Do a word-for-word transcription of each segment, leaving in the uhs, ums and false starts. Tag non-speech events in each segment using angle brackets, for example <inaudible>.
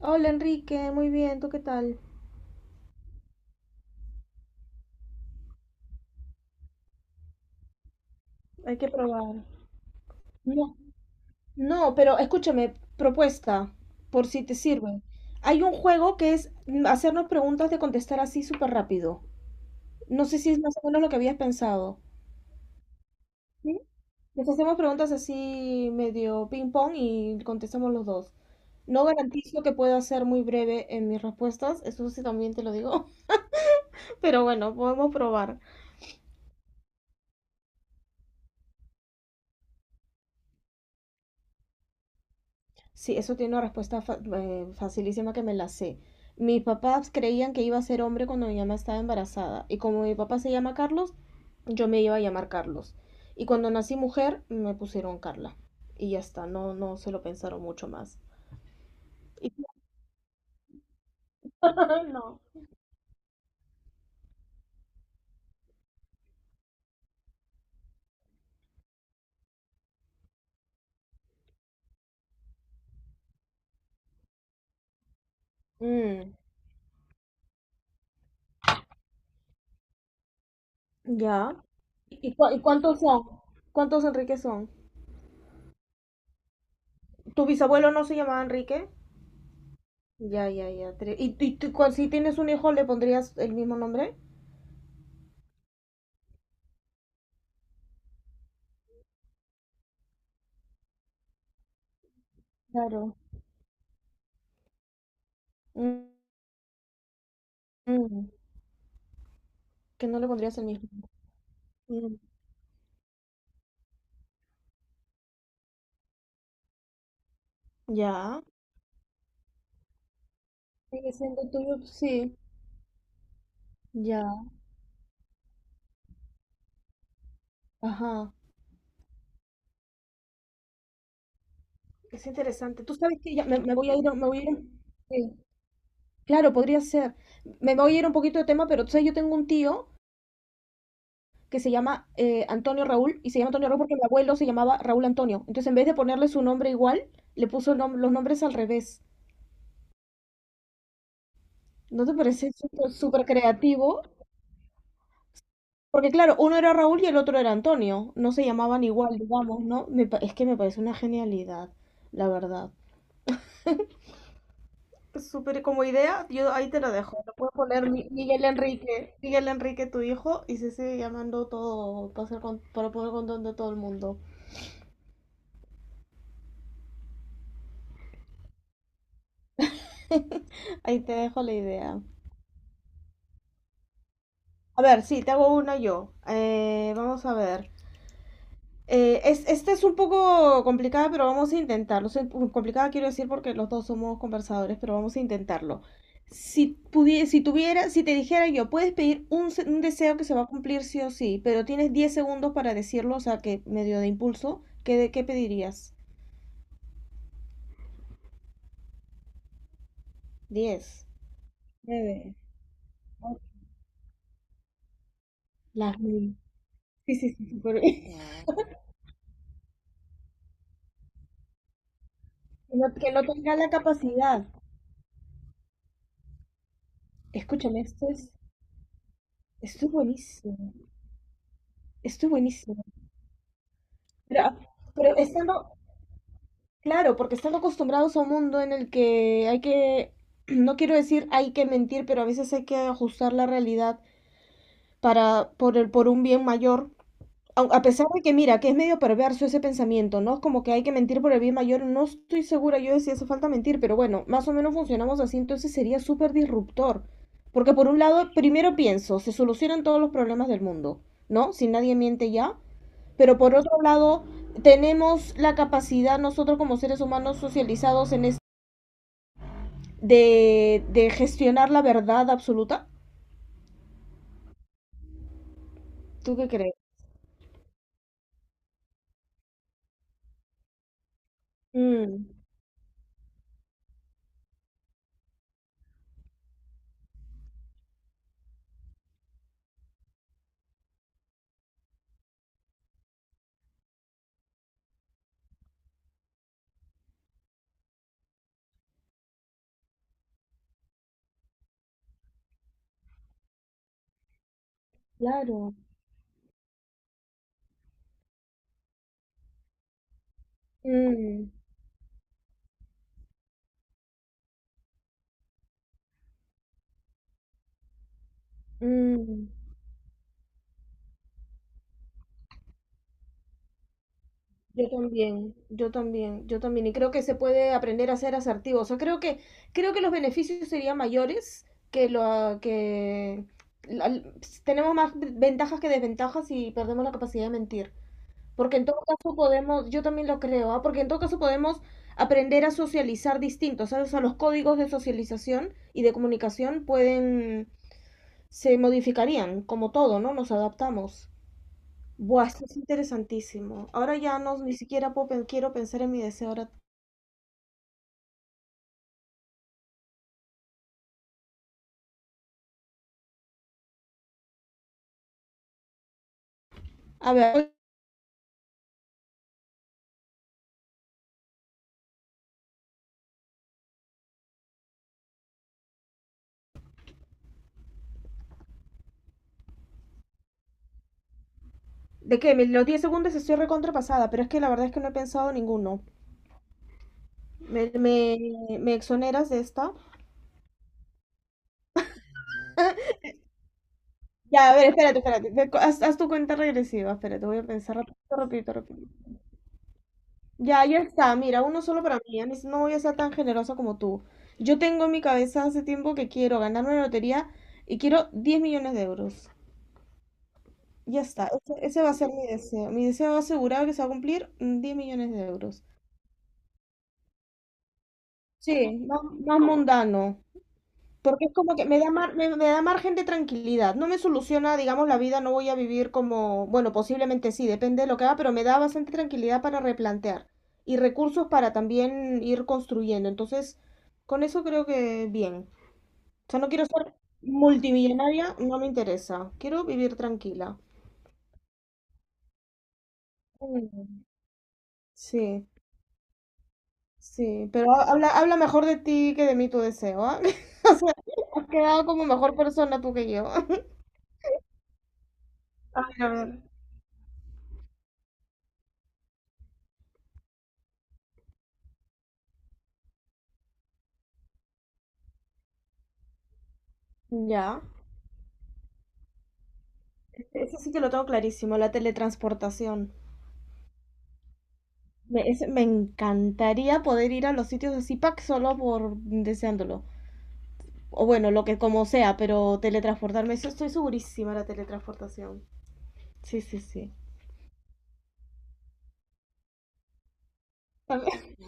Hola Enrique, muy bien, ¿tú qué tal? Hay que probar. No, no, pero escúchame, propuesta, por si te sirve. Hay un juego que es mm, hacernos preguntas de contestar así súper rápido. No sé si es más o menos lo que habías pensado. ¿Sí? Nos hacemos preguntas así medio ping pong y contestamos los dos. No garantizo que pueda ser muy breve en mis respuestas, eso sí también te lo digo, <laughs> pero bueno, podemos probar. Sí, eso tiene una respuesta fa- eh, facilísima que me la sé. Mis papás creían que iba a ser hombre cuando mi mamá estaba embarazada. Y como mi papá se llama Carlos, yo me iba a llamar Carlos. Y cuando nací mujer, me pusieron Carla. Y ya está, no, no se lo pensaron mucho más. Y- <laughs> No. Mm, ya. ¿Y, y cu- y cuántos son? ¿Cuántos Enrique son? ¿Tu bisabuelo no se llamaba Enrique? Ya, ya, ya. tre- ¿Y, y tú, cu- si tienes un hijo, le pondrías el mismo nombre? Claro. Mm, mm. Que no le pondrías el mismo. Mm. Ya. Sigue siendo tuyo, sí. Ya, ajá. Es interesante. Tú sabes que ya me, me voy a ir, me voy a ir sí. Claro, podría ser. Me voy a ir un poquito de tema, pero tú sabes, yo tengo un tío que se llama eh, Antonio Raúl, y se llama Antonio Raúl porque mi abuelo se llamaba Raúl Antonio. Entonces, en vez de ponerle su nombre igual, le puso el nom- los nombres al revés. ¿No te parece súper súper creativo? Porque claro, uno era Raúl y el otro era Antonio. No se llamaban igual, digamos, ¿no? Me pa- es que me parece una genialidad, la verdad. Súper como idea, yo ahí te lo dejo. Lo puedes poner Mi- Miguel Enrique, Miguel Enrique, tu hijo, y se sigue llamando todo para, hacer con- para poner control de todo el mundo. <laughs> Ahí te dejo la idea. A ver, sí, te hago una yo. Eh, vamos a ver. Eh, es, esta es un poco complicada, pero vamos a intentarlo. Se- complicada quiero decir porque los dos somos conversadores, pero vamos a intentarlo. Si pudie- si tuviera, si te dijera yo, puedes pedir un, se- un deseo que se va a cumplir sí o sí, pero tienes diez segundos para decirlo, o sea, que medio de impulso, ¿qué, de- qué pedirías? diez, nueve, las mil. Sí, sí, sí, súper bien. <laughs> Que no, que no tenga la capacidad. Escúchame, esto es, esto es buenísimo. Esto es buenísimo. Pero, pero estando, claro, porque están acostumbrados a un mundo en el que hay que, <clears throat> no quiero decir hay que mentir, pero a veces hay que ajustar la realidad para, por el, por un bien mayor. Au- A pesar de que, mira, que es medio perverso ese pensamiento, ¿no? Como que hay que mentir por el bien mayor. No estoy segura yo de si hace falta mentir, pero bueno, más o menos funcionamos así, entonces sería súper disruptor. Porque por un lado, primero pienso, se solucionan todos los problemas del mundo, ¿no? Si nadie miente ya. Pero por otro lado, tenemos la capacidad nosotros como seres humanos socializados en es- de, de gestionar la verdad absoluta. ¿Tú qué crees? Mm, claro. Mm, mm. Yo también, yo también, yo también. Y creo que se puede aprender a ser asertivo. O sea, creo que, creo que los beneficios serían mayores que lo que la- tenemos más ventajas que desventajas y perdemos la capacidad de mentir. Porque en todo caso podemos, yo también lo creo, ¿ah? Porque en todo caso podemos aprender a socializar distintos, ¿sabes? O sea, los códigos de socialización y de comunicación pueden, se modificarían, como todo, ¿no? Nos adaptamos. Buah, esto es interesantísimo. Ahora ya no, ni siquiera puedo pen- quiero pensar en mi deseo. Ahora, a ver, ¿de qué? Me- Los diez segundos estoy recontrapasada, pero es que la verdad es que no he pensado ninguno. ¿Me, me, me exoneras de esta? Ya, a ver, espérate, espérate. Ve- Haz, haz tu cuenta regresiva, espérate, voy a pensar. Repito, repito, repito. Ya, ya está. Mira, uno solo para mí. Ani, no, no voy a ser tan generosa como tú. Yo tengo en mi cabeza hace tiempo que quiero ganarme la lotería y quiero diez millones de euros. Ya está. Ese, ese va a ser mi deseo. Mi deseo asegurado que se va a cumplir mm, diez millones de euros. Sí, más, más mundano. Porque es como que me da, mar- me, me da margen de tranquilidad. No me soluciona, digamos, la vida, no voy a vivir como, bueno, posiblemente sí, depende de lo que haga, pero me da bastante tranquilidad para replantear y recursos para también ir construyendo. Entonces, con eso creo que bien. O sea, no quiero ser multimillonaria, no me interesa. Quiero vivir tranquila. Mm. Sí, sí, pero ha- habla, habla mejor de ti que de mí tu deseo, ¿ah? <laughs> O sea, has quedado como mejor persona tú que yo. <laughs> A ver, a ver. Ya. Eso sí que lo tengo clarísimo, la teletransportación. Me, es- me encantaría poder ir a los sitios de Zipac solo por deseándolo. O bueno, lo que como sea, pero teletransportarme, eso estoy segurísima, la teletransportación. Sí, sí, sí. <laughs>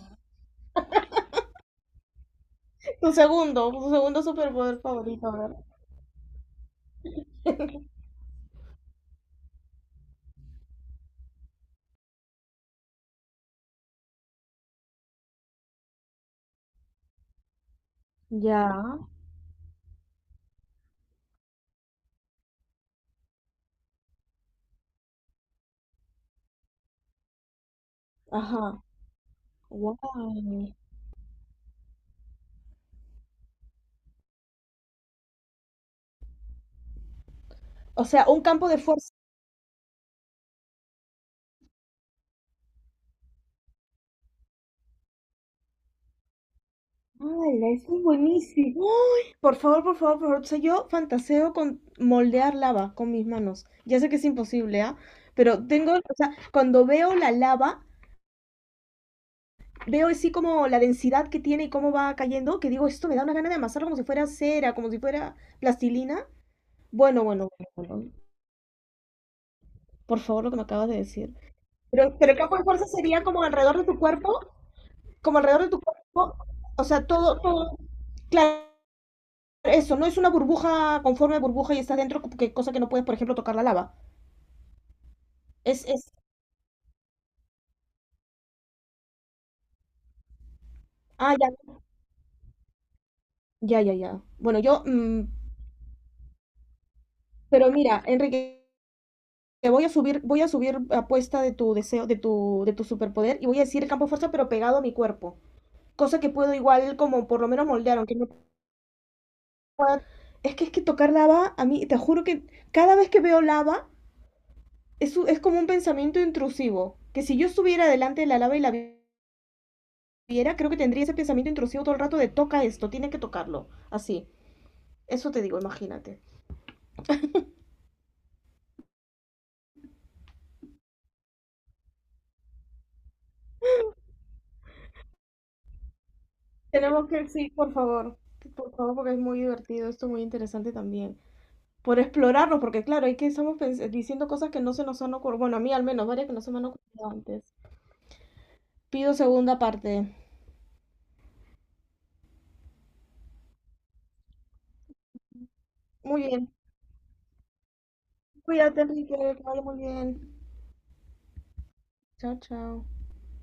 Tu segundo, tu segundo superpoder favorito, a ver. <laughs> Ya, ajá, guay. O sea, un campo de fuerza. ¡Hala! Eso es buenísimo. Por favor, por favor, por favor. O sea, yo fantaseo con moldear lava con mis manos. Ya sé que es imposible, ¿ah? Pero tengo, o sea, cuando veo la lava, veo así como la densidad que tiene y cómo va cayendo, que digo, esto me da una gana de amasarlo como si fuera cera, como si fuera plastilina. Bueno, bueno, bueno, bueno. Por favor, lo que me acabas de decir. Pero, pero el campo de fuerza sería como alrededor de tu cuerpo, como alrededor de tu cuerpo, o sea, todo, todo. Claro, eso, no es una burbuja con forma de burbuja y estás dentro, que cosa que no puedes, por ejemplo, tocar la lava. Es, es, ah, ya, ya, ya, ya. Bueno, yo, mm, pero mira, Enrique, te voy a subir, voy a subir apuesta de tu deseo, de tu, de tu superpoder y voy a decir el campo de fuerza, pero pegado a mi cuerpo. Cosa que puedo igual, como por lo menos moldear, aunque no pueda. Es que es que tocar lava, a mí, te juro que cada vez que veo lava, es, u- es como un pensamiento intrusivo. Que si yo estuviera delante de la lava y la vi- viera, creo que tendría ese pensamiento intrusivo todo el rato de toca esto, tiene que tocarlo. Así. Eso te digo, imagínate. Tenemos que, sí, por favor, por favor, porque es muy divertido, esto es muy interesante también. Por explorarlo, porque claro, hay que estamos pens- diciendo cosas que no se nos han ocurrido, bueno, a mí al menos, varias que no se me han ocurrido antes. Pido segunda parte. Muy bien. Cuídate, Enrique, que vaya muy bien. Chao, chao.